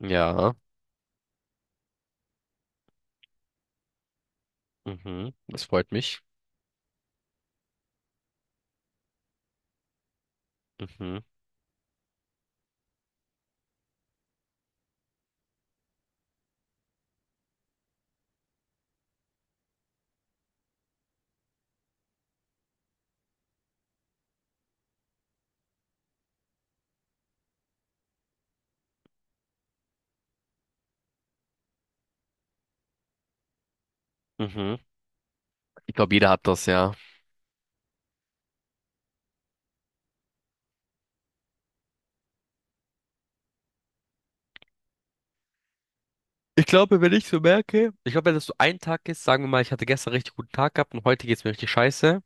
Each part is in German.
Ja, mhm, das freut mich. Mhm, mhm. Ich glaube, jeder hat das, ja. Ich glaube, wenn ich so merke, ich glaube, wenn das so ein Tag ist, sagen wir mal, ich hatte gestern richtig guten Tag gehabt und heute geht's mir richtig scheiße.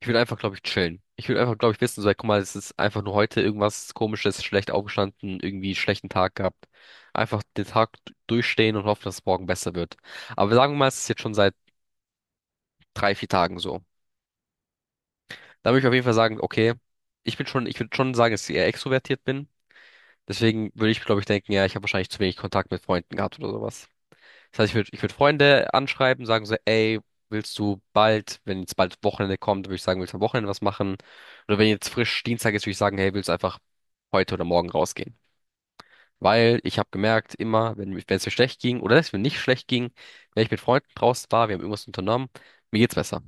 Ich will einfach, glaube ich, chillen. Ich will einfach, glaube ich, wissen, so, ey, guck mal, es ist einfach nur heute irgendwas Komisches, schlecht aufgestanden, irgendwie schlechten Tag gehabt. Einfach den durchstehen und hoffen, dass es morgen besser wird. Aber sagen wir mal, es ist jetzt schon seit drei, vier Tagen so. Da würde ich auf jeden Fall sagen, okay, ich bin schon, ich würde schon sagen, dass ich eher extrovertiert bin. Deswegen würde ich, glaube ich, denken, ja, ich habe wahrscheinlich zu wenig Kontakt mit Freunden gehabt oder sowas. Das heißt, ich würd Freunde anschreiben, sagen so, ey, willst du bald, wenn jetzt bald Wochenende kommt, würde ich sagen, willst du am Wochenende was machen? Oder wenn jetzt frisch Dienstag ist, würde ich sagen, hey, willst du einfach heute oder morgen rausgehen? Weil ich habe gemerkt, immer, wenn es mir schlecht ging oder wenn es mir nicht schlecht ging, wenn ich mit Freunden draußen war, wir haben irgendwas unternommen, mir geht's besser.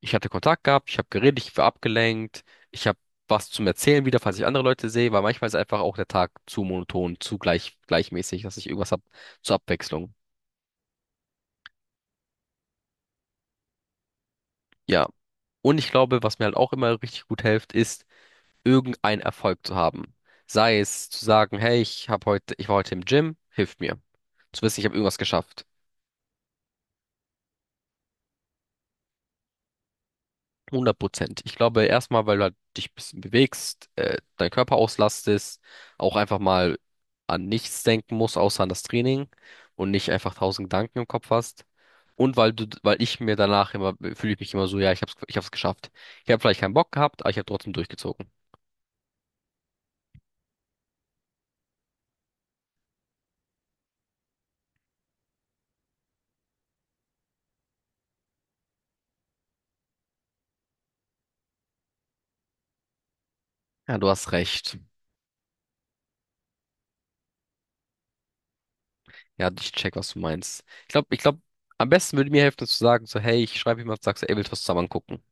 Ich hatte Kontakt gehabt, ich habe geredet, ich war abgelenkt, ich habe was zum Erzählen wieder, falls ich andere Leute sehe, weil manchmal ist einfach auch der Tag zu monoton, zu gleich, gleichmäßig, dass ich irgendwas hab zur Abwechslung. Ja. Und ich glaube, was mir halt auch immer richtig gut hilft, ist, irgendeinen Erfolg zu haben. Sei es zu sagen, hey, ich hab heute, ich war heute im Gym, hilft mir. Zu wissen, ich habe irgendwas geschafft. 100%. Ich glaube, erstmal, weil du halt dich ein bisschen bewegst, deinen Körper auslastest, auch einfach mal an nichts denken musst, außer an das Training und nicht einfach tausend Gedanken im Kopf hast. Und weil du, weil ich mir danach immer, fühle ich mich immer so, ja, ich hab's geschafft. Ich habe vielleicht keinen Bock gehabt, aber ich habe trotzdem durchgezogen. Ja, du hast recht. Ja, ich check, was du meinst. Ich glaube, am besten würde mir helfen, zu sagen, so, hey, ich schreibe jemand, sagst du, ey, willst du was zusammen gucken?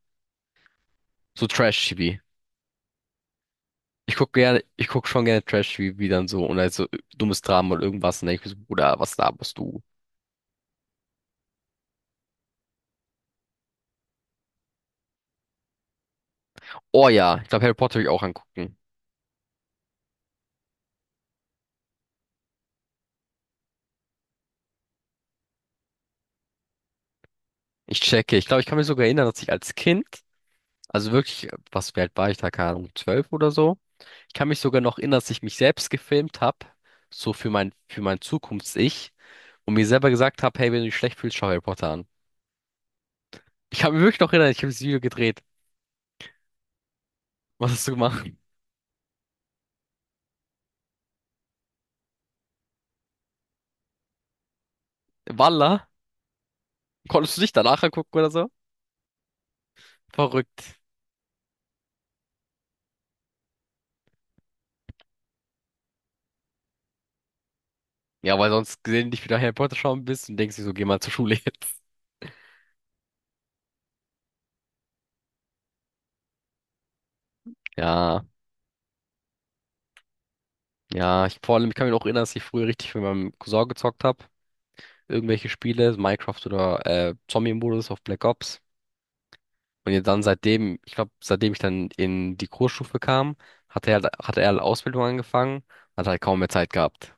So Trash-TV. Ich guck schon gerne Trash-TV wie dann so und also dummes Drama oder irgendwas. Und dann denk ich mir so, Bruder, was laberst du? Oh ja, ich glaube, Harry Potter will ich auch angucken. Ich checke. Ich glaube, ich kann mich sogar erinnern, dass ich als Kind, also wirklich, was, wie alt war ich da? Keine Ahnung, 12 oder so. Ich kann mich sogar noch erinnern, dass ich mich selbst gefilmt habe, so für mein Zukunfts-Ich und mir selber gesagt habe, hey, wenn du dich schlecht fühlst, schau Harry Potter an. Ich kann mich wirklich noch erinnern, ich habe das Video gedreht. Was hast du gemacht? Walla? Konntest du dich danach angucken oder so? Verrückt. Ja, weil sonst gelegentlich wieder Harry Potter schauen bist und denkst dir so, geh mal zur Schule jetzt. Ja, ja, ich vor allem, ich kann mich auch erinnern, dass ich früher richtig mit meinem Cousin gezockt habe. Irgendwelche Spiele, Minecraft oder Zombie-Modus auf Black Ops. Und jetzt dann seitdem, ich glaube, seitdem ich dann in die Kursstufe kam, hat er halt Ausbildung angefangen, hat halt kaum mehr Zeit gehabt.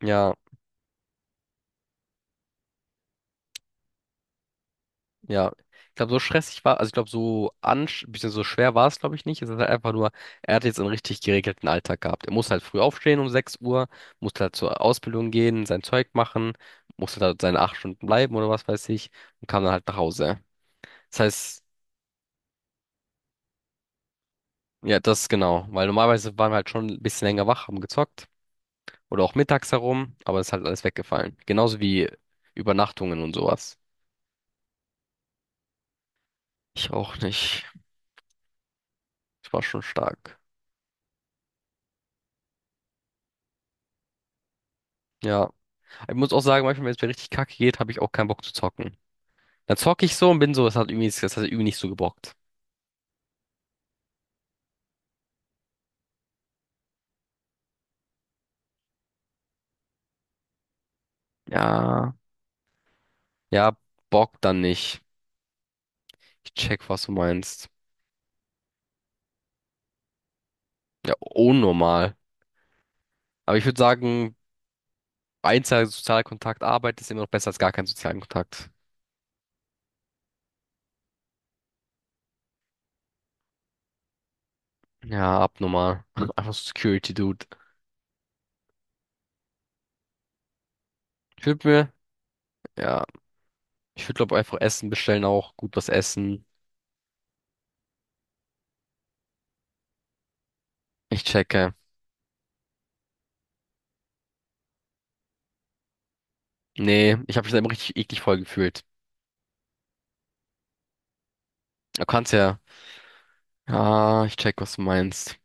Ja. Ja, ich glaube, so stressig war, also ich glaube, so ansch, bisschen so schwer war es, glaube ich, nicht. Es ist halt einfach nur, er hat jetzt einen richtig geregelten Alltag gehabt. Er muss halt früh aufstehen um 6 Uhr, muss halt zur Ausbildung gehen, sein Zeug machen, musste da seine 8 Stunden bleiben oder was weiß ich und kam dann halt nach Hause. Das heißt, ja, das genau, weil normalerweise waren wir halt schon ein bisschen länger wach, haben gezockt oder auch mittags herum, aber es ist halt alles weggefallen. Genauso wie Übernachtungen und sowas. Ich auch nicht. Es war schon stark. Ja. Ich muss auch sagen, manchmal, wenn es mir richtig kacke geht, habe ich auch keinen Bock zu zocken. Dann zocke ich so und bin so, das hat irgendwie, das hat irgendwie nicht so gebockt. Ja, ja, Bock dann nicht. Ich check, was du meinst. Ja, unnormal. Aber ich würde sagen, einzelner Sozialkontakt, Arbeit ist immer noch besser als gar keinen sozialen Kontakt. Ja, abnormal. Einfach so Security, Dude. Ich würde mir, ja, ich würde glaube einfach Essen bestellen auch, gut was essen. Ich checke. Nee, ich habe mich da immer richtig eklig voll gefühlt. Du kannst ja. Ah, ich check, was du meinst.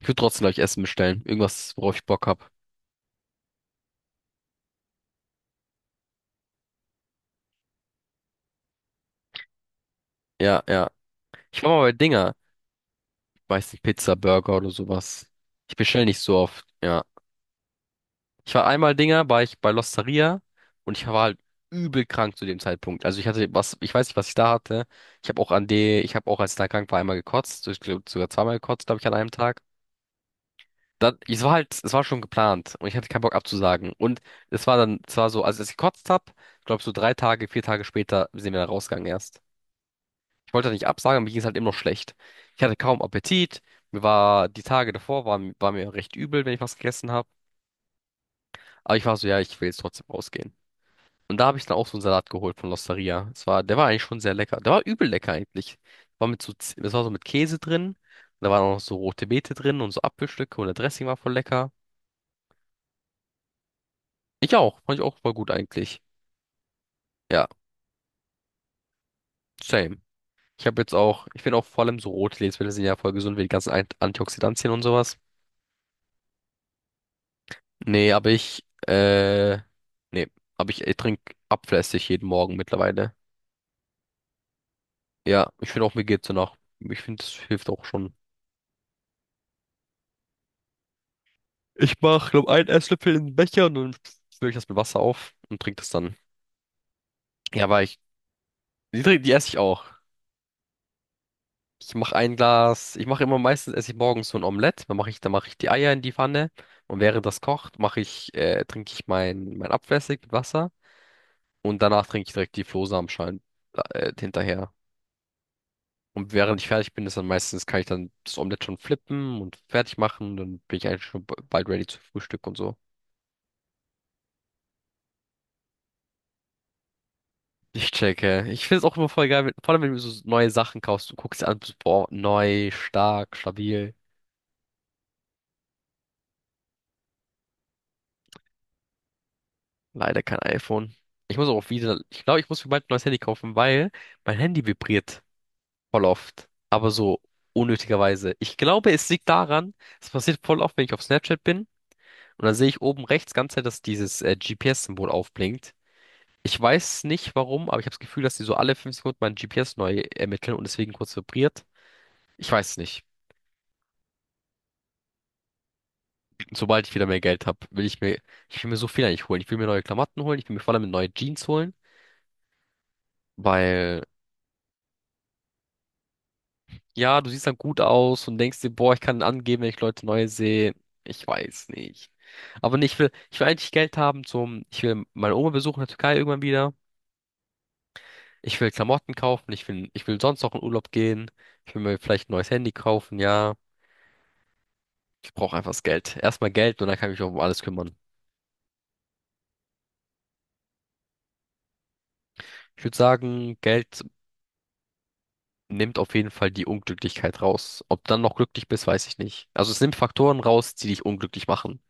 Ich würde trotzdem, glaube Essen bestellen. Irgendwas, worauf ich Bock hab. Ja, ja. Ich war mal bei Dinger. Ich weiß nicht, Pizza, Burger oder sowas. Ich bestelle nicht so oft, ja. Ich war einmal Dinger, war ich bei L'Osteria und ich war halt übel krank zu dem Zeitpunkt. Also ich hatte was, ich weiß nicht, was ich da hatte. Ich habe auch, als ich da krank war, einmal gekotzt. Ich glaube, sogar zweimal gekotzt, glaube ich, an einem Tag. Dann, es war halt, es war schon geplant und ich hatte keinen Bock abzusagen. Und es war dann, es war so, als ich gekotzt hab, glaube so drei Tage, vier Tage später sind wir da rausgegangen erst. Ich wollte nicht absagen, aber mir ging es halt immer noch schlecht. Ich hatte kaum Appetit. Mir war, die Tage davor war, war mir recht übel, wenn ich was gegessen habe. Aber ich war so, ja, ich will jetzt trotzdem rausgehen. Und da habe ich dann auch so einen Salat geholt von L'Osteria. Es war, der war eigentlich schon sehr lecker. Der war übel lecker eigentlich. War mit so, das war so mit Käse drin. Da waren auch noch so rote Beete drin und so Apfelstücke und der Dressing war voll lecker. Ich auch, fand ich auch voll gut eigentlich. Ja, same. Ich habe jetzt auch, ich finde auch vor allem so rote Lebensmittel sind ja voll gesund, wie die ganzen Antioxidantien und sowas. Nee, aber ich, nee, aber ich trinke abflässig jeden Morgen mittlerweile. Ja, ich finde auch, mir geht's danach. Ich finde, das hilft auch schon. Ich mache, glaube einen Esslöffel in den Becher und dann fülle ich das mit Wasser auf und trinke das dann. Ja, weil ich, die, die esse ich auch. Ich mache ein Glas, ich mache immer meistens, esse ich morgens so ein Omelett. Dann mache ich die Eier in die Pfanne und während das kocht, mache ich, trinke ich mein Abflüssig mit Wasser und danach trinke ich direkt die Flohsamenschalen, hinterher. Und während ich fertig bin, ist dann meistens, kann ich dann das Omelett schon flippen und fertig machen. Dann bin ich eigentlich bald ready zu Frühstück und so. Ich checke. Ich finde es auch immer voll geil, wenn, vor allem wenn du so neue Sachen kaufst. Du guckst dir an, bist, boah, neu, stark, stabil. Leider kein iPhone. Ich muss auch wieder, ich glaube, ich muss mir bald ein neues Handy kaufen, weil mein Handy vibriert voll oft. Aber so unnötigerweise. Ich glaube, es liegt daran, es passiert voll oft, wenn ich auf Snapchat bin. Und dann sehe ich oben rechts ganze Zeit, dass dieses GPS-Symbol aufblinkt. Ich weiß nicht warum, aber ich habe das Gefühl, dass die so alle 5 Sekunden mein GPS neu ermitteln und deswegen kurz vibriert. Ich weiß es nicht. Sobald ich wieder mehr Geld habe, will ich mir, ich will mir so viel eigentlich holen. Ich will mir neue Klamotten holen, ich will mir vor allem neue Jeans holen, weil, ja, du siehst dann gut aus und denkst dir, boah, ich kann angeben, wenn ich Leute neu sehe. Ich weiß nicht. Aber nee, ich will eigentlich Geld haben zum, ich will meine Oma besuchen in der Türkei irgendwann wieder. Ich will Klamotten kaufen, ich will sonst noch in Urlaub gehen. Ich will mir vielleicht ein neues Handy kaufen, ja. Ich brauche einfach das Geld. Erstmal Geld und dann kann ich mich auch um alles kümmern. Ich würde sagen, Geld nimmt auf jeden Fall die Unglücklichkeit raus. Ob du dann noch glücklich bist, weiß ich nicht. Also es nimmt Faktoren raus, die dich unglücklich machen.